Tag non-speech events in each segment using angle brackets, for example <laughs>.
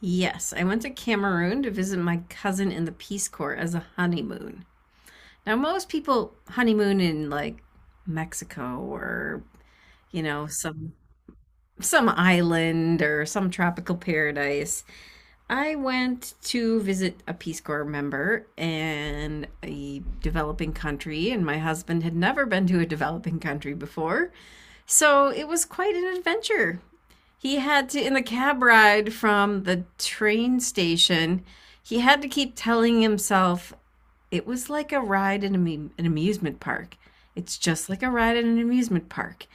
Yes, I went to Cameroon to visit my cousin in the Peace Corps as a honeymoon. Now, most people honeymoon in like Mexico or, some island or some tropical paradise. I went to visit a Peace Corps member in a developing country, and my husband had never been to a developing country before. So it was quite an adventure. He had to, in the cab ride from the train station, he had to keep telling himself it was like a ride in an amusement park. It's just like a ride in an amusement park.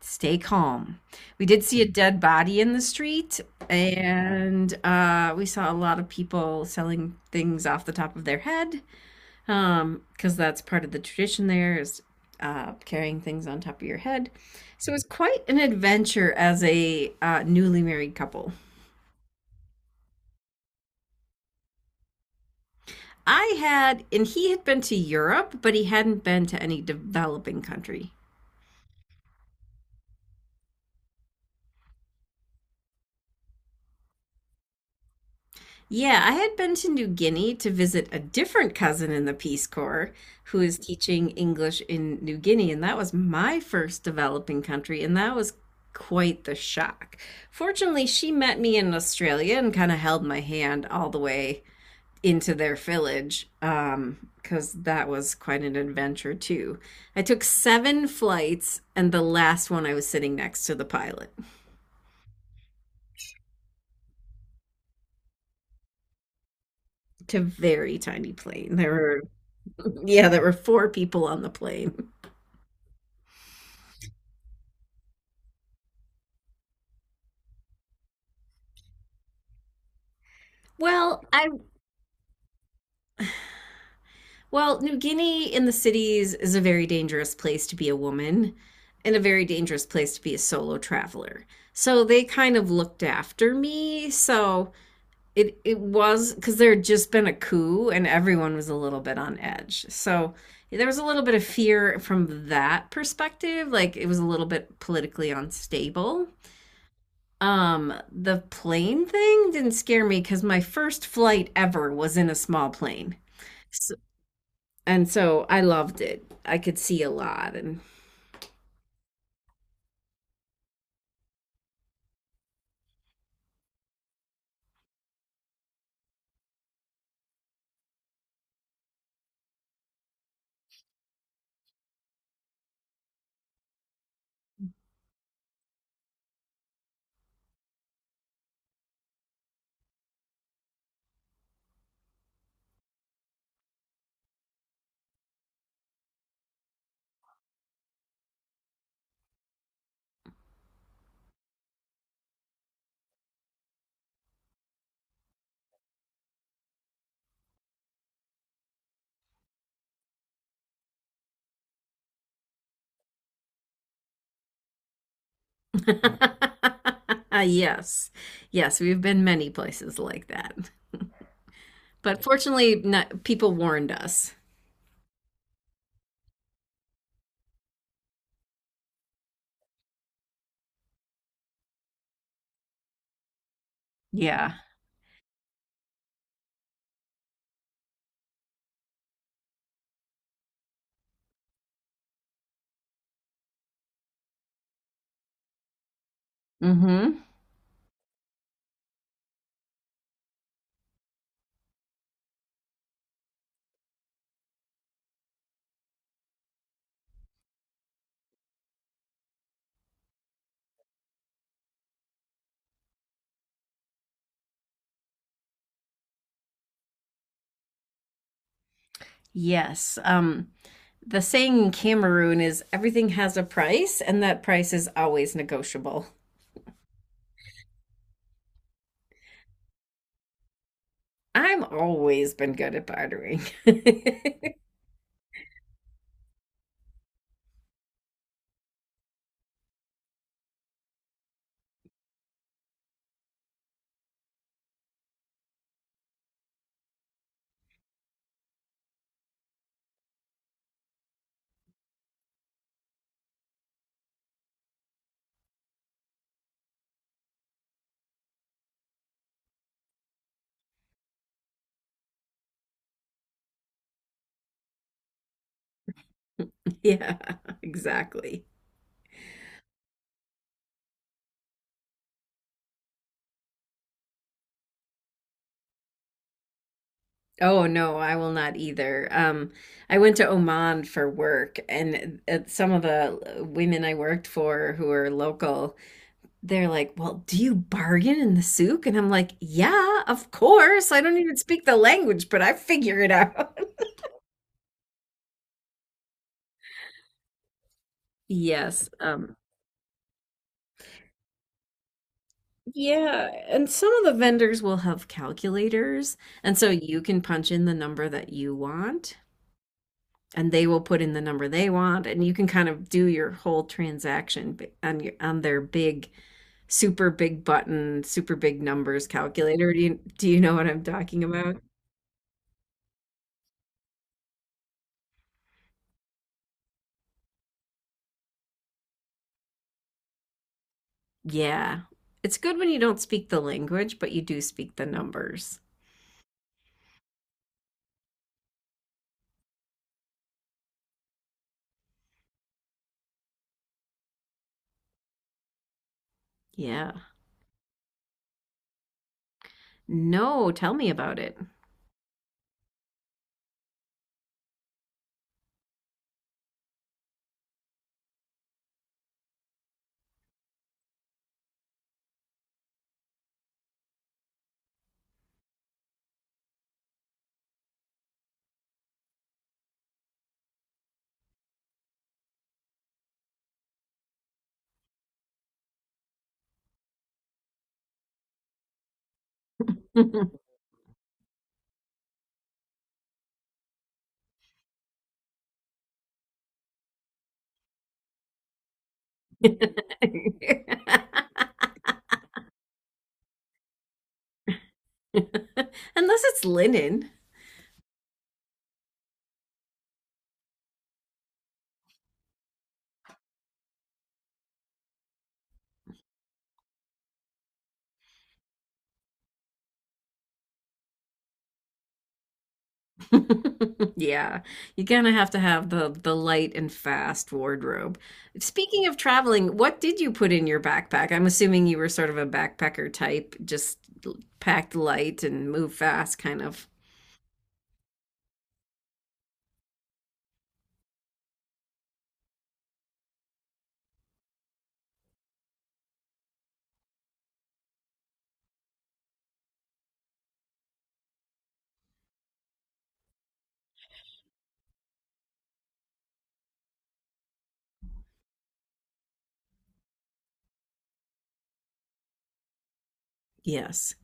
Stay calm. We did see a dead body in the street, and we saw a lot of people selling things off the top of their head because that's part of the tradition there is carrying things on top of your head, so it was quite an adventure as a newly married couple. I had, and he had been to Europe, but he hadn't been to any developing country. Yeah, I had been to New Guinea to visit a different cousin in the Peace Corps who is teaching English in New Guinea, and that was my first developing country, and that was quite the shock. Fortunately, she met me in Australia and kind of held my hand all the way into their village, because that was quite an adventure too. I took 7 flights, and the last one I was sitting next to the pilot. It's a very tiny plane. <laughs> Yeah, there were 4 people on the plane. Well, I well, New Guinea in the cities is a very dangerous place to be a woman and a very dangerous place to be a solo traveler. So they kind of looked after me. So it was because there had just been a coup and everyone was a little bit on edge. So there was a little bit of fear from that perspective. Like, it was a little bit politically unstable. The plane thing didn't scare me because my first flight ever was in a small plane. And so I loved it. I could see a lot and <laughs> yes. Yes, we've been many places like that. But fortunately, not, people warned us. Yeah. Hmm. Yes. The saying in Cameroon is everything has a price, and that price is always negotiable. I'm always been good at bartering. <laughs> Yeah, exactly. Oh no, I will not either. I went to Oman for work, and some of the women I worked for who are local, they're like, "Well, do you bargain in the souk?" And I'm like, "Yeah, of course. I don't even speak the language, but I figure it out." <laughs> Yes. Yeah, and some of the vendors will have calculators, and so you can punch in the number that you want, and they will put in the number they want, and you can kind of do your whole transaction on your on their big, super big button, super big numbers calculator. Do you know what I'm talking about? Yeah. It's good when you don't speak the language, but you do speak the numbers. Yeah. No, tell me about it. <laughs> <laughs> Unless it's linen. <laughs> Yeah, you kind of have to have the light and fast wardrobe. Speaking of traveling, what did you put in your backpack? I'm assuming you were sort of a backpacker type, just packed light and move fast kind of. Yes.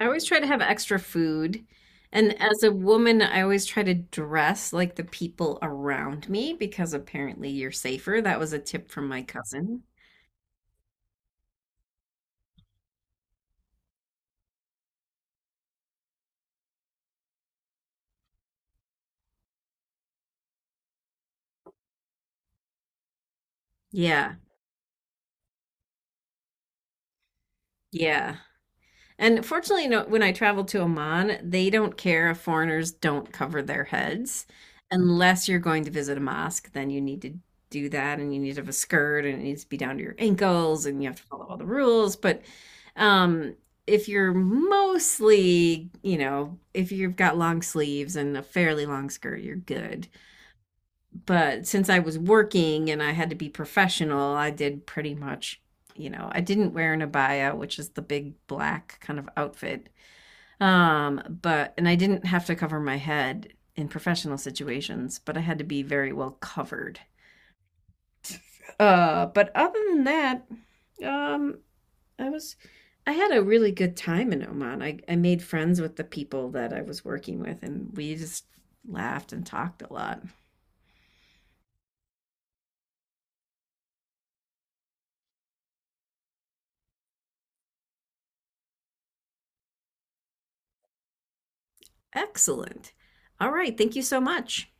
I always try to have extra food. And as a woman, I always try to dress like the people around me because apparently you're safer. That was a tip from my cousin. Yeah. Yeah. And fortunately, no, when I travel to Oman, they don't care if foreigners don't cover their heads. Unless you're going to visit a mosque, then you need to do that, and you need to have a skirt and it needs to be down to your ankles and you have to follow all the rules. But um, if you're mostly, you know, if you've got long sleeves and a fairly long skirt, you're good. But since I was working and I had to be professional, I did pretty much, you know, I didn't wear an abaya, which is the big black kind of outfit. But and I didn't have to cover my head in professional situations, but I had to be very well covered. But other than that, um, I was, I had a really good time in Oman. I made friends with the people that I was working with, and we just laughed and talked a lot. Excellent. All right, thank you so much.